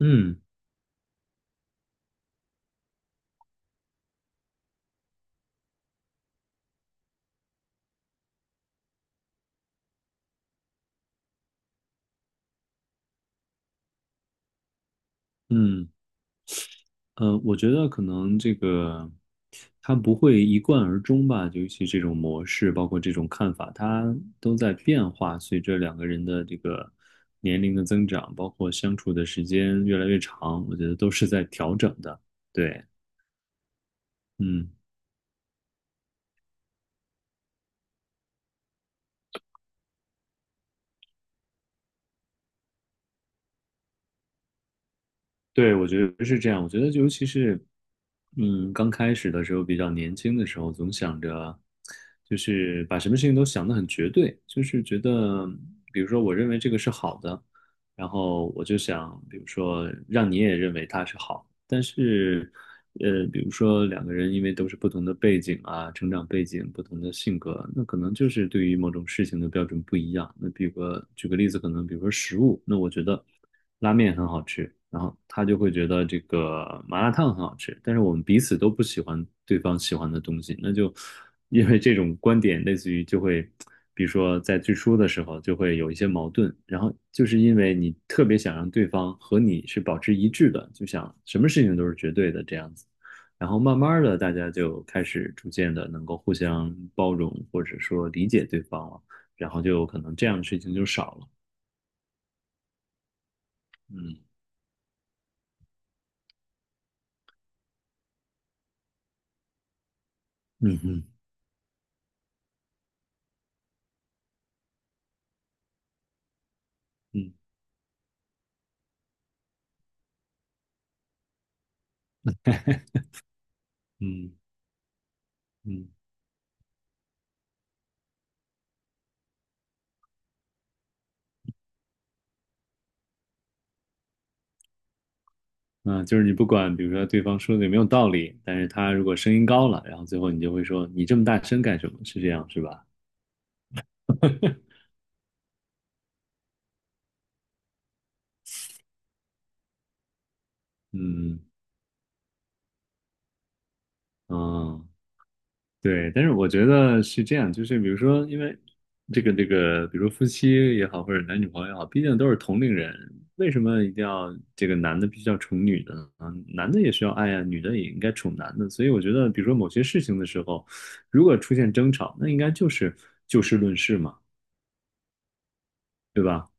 嗯嗯，我觉得可能这个他不会一贯而终吧，尤其这种模式，包括这种看法，它都在变化。随着两个人的这个年龄的增长，包括相处的时间越来越长，我觉得都是在调整的。对，嗯。对，我觉得是这样。我觉得尤其是，刚开始的时候，比较年轻的时候，总想着，就是把什么事情都想得很绝对，就是觉得，比如说我认为这个是好的，然后我就想，比如说让你也认为它是好。但是，比如说两个人因为都是不同的背景啊，成长背景、不同的性格，那可能就是对于某种事情的标准不一样。那比如个举个例子，可能比如说食物，那我觉得。拉面很好吃，然后他就会觉得这个麻辣烫很好吃，但是我们彼此都不喜欢对方喜欢的东西，那就因为这种观点，类似于就会，比如说在最初的时候就会有一些矛盾，然后就是因为你特别想让对方和你是保持一致的，就想什么事情都是绝对的这样子，然后慢慢的大家就开始逐渐的能够互相包容或者说理解对方了，然后就可能这样的事情就少了，嗯嗯嗯。嗯嗯嗯嗯，就是你不管，比如说对方说的有没有道理，但是他如果声音高了，然后最后你就会说你这么大声干什么？是这样是吧？嗯嗯，对。但是我觉得是这样，就是比如说，因为比如说夫妻也好，或者男女朋友也好，毕竟都是同龄人，为什么一定要这个男的必须要宠女的呢？啊，男的也需要爱呀，女的也应该宠男的。所以我觉得，比如说某些事情的时候，如果出现争吵，那应该就是就事论事嘛，对吧？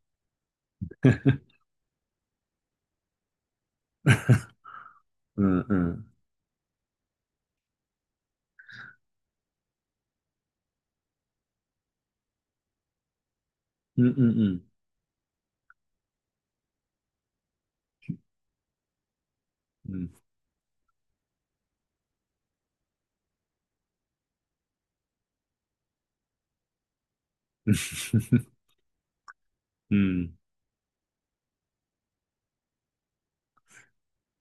嗯嗯嗯嗯嗯嗯嗯，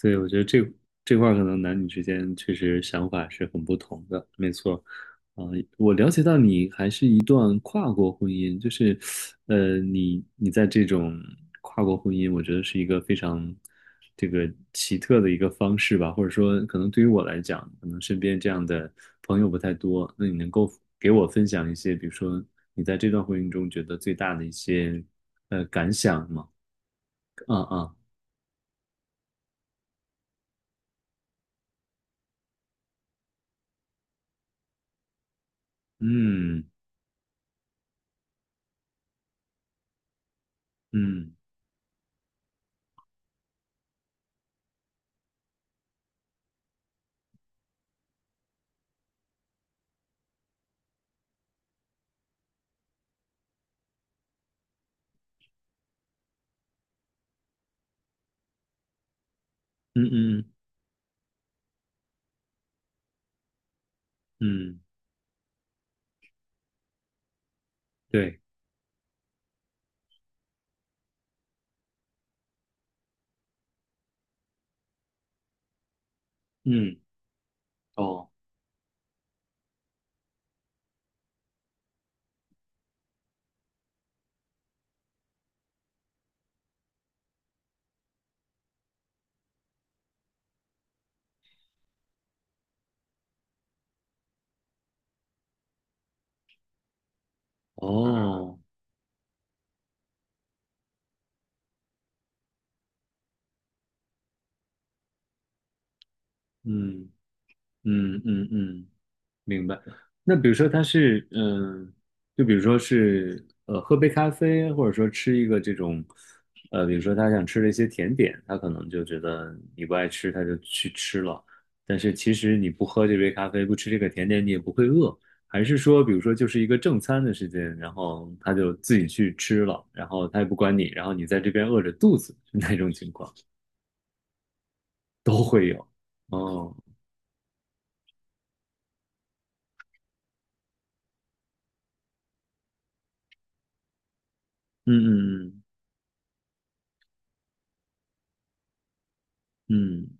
对，我觉得这块儿可能男女之间确实想法是很不同的，没错。啊、我了解到你还是一段跨国婚姻，就是，你在这种跨国婚姻，我觉得是一个非常这个奇特的一个方式吧，或者说，可能对于我来讲，可能身边这样的朋友不太多。那你能够给我分享一些，比如说你在这段婚姻中觉得最大的一些感想吗？啊啊，嗯嗯嗯嗯嗯，对，嗯，哦哦，嗯嗯嗯嗯，明白。那比如说他是，就比如说是，喝杯咖啡，或者说吃一个这种，比如说他想吃的一些甜点，他可能就觉得你不爱吃，他就去吃了。但是其实你不喝这杯咖啡，不吃这个甜点，你也不会饿。还是说，比如说就是一个正餐的时间，然后他就自己去吃了，然后他也不管你，然后你在这边饿着肚子，是那种情况。哦，嗯嗯嗯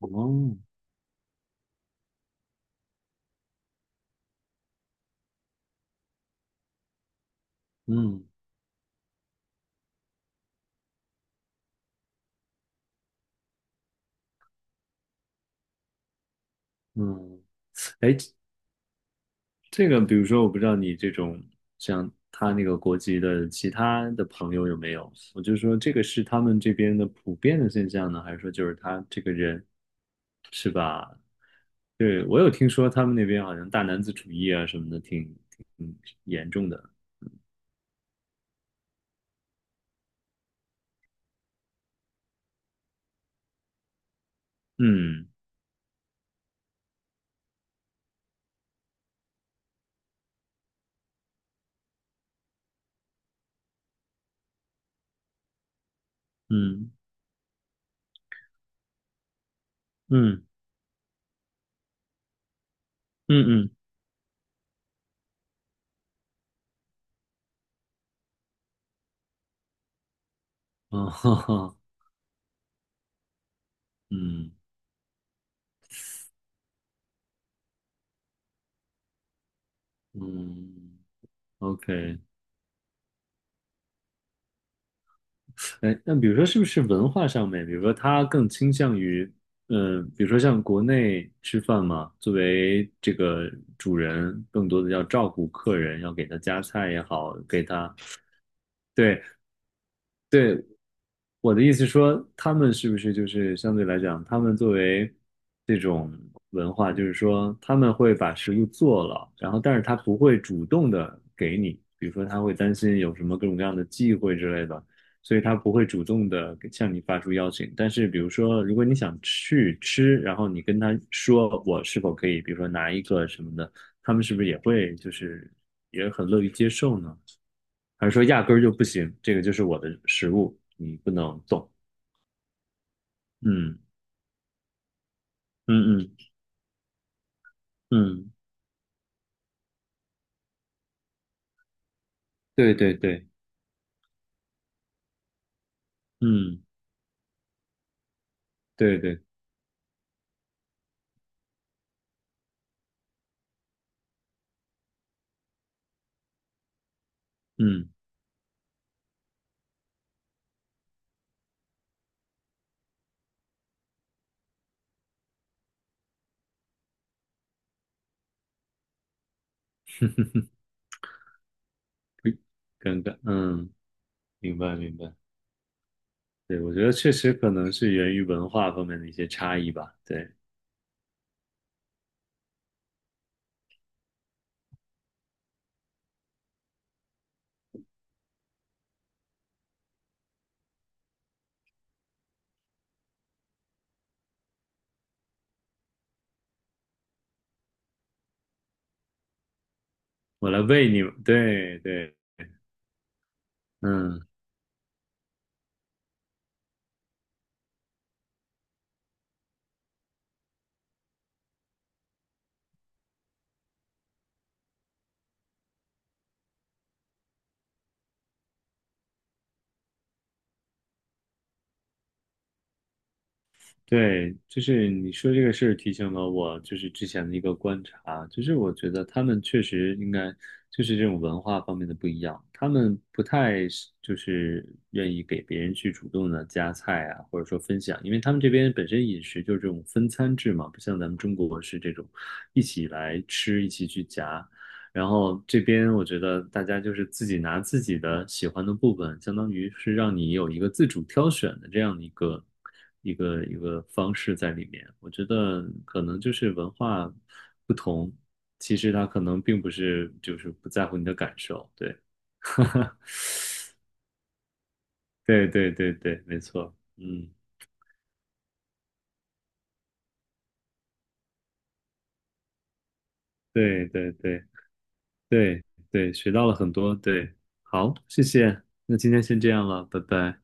嗯，哦，嗯嗯。哎，这个比如说，我不知道你这种像他那个国籍的其他的朋友有没有？我就说这个是他们这边的普遍的现象呢，还是说就是他这个人是吧？对，我有听说他们那边好像大男子主义啊什么的挺严重的。嗯嗯嗯嗯嗯，哦，哈哈，嗯嗯，OK，哎，那比如说，是不是文化上面，比如说他更倾向于，比如说像国内吃饭嘛，作为这个主人，更多的要照顾客人，要给他夹菜也好，给他，对对，我的意思说，他们是不是就是相对来讲，他们作为这种文化，就是说他们会把食物做了，然后但是他不会主动的给你，比如说他会担心有什么各种各样的忌讳之类的，所以他不会主动的向你发出邀请。但是比如说，如果你想去吃，然后你跟他说我是否可以，比如说拿一个什么的，他们是不是也会就是也很乐于接受呢？还是说压根儿就不行？这个就是我的食物，你不能动。嗯嗯嗯嗯，对对对，嗯对对，嗯，尴尬，嗯，明白明白，对，我觉得确实可能是源于文化方面的一些差异吧，对，我来喂你，对对，嗯。对，就是你说这个事儿提醒了我，就是之前的一个观察，就是我觉得他们确实应该就是这种文化方面的不一样，他们不太是就是愿意给别人去主动的夹菜啊，或者说分享，因为他们这边本身饮食就是这种分餐制嘛，不像咱们中国是这种一起来吃，一起去夹。然后这边我觉得大家就是自己拿自己的喜欢的部分，相当于是让你有一个自主挑选的这样的一个方式在里面。我觉得可能就是文化不同，其实它可能并不是就是不在乎你的感受。对，对对对对，没错。嗯，对对对对对，学到了很多。对，好，谢谢。那今天先这样了，拜拜。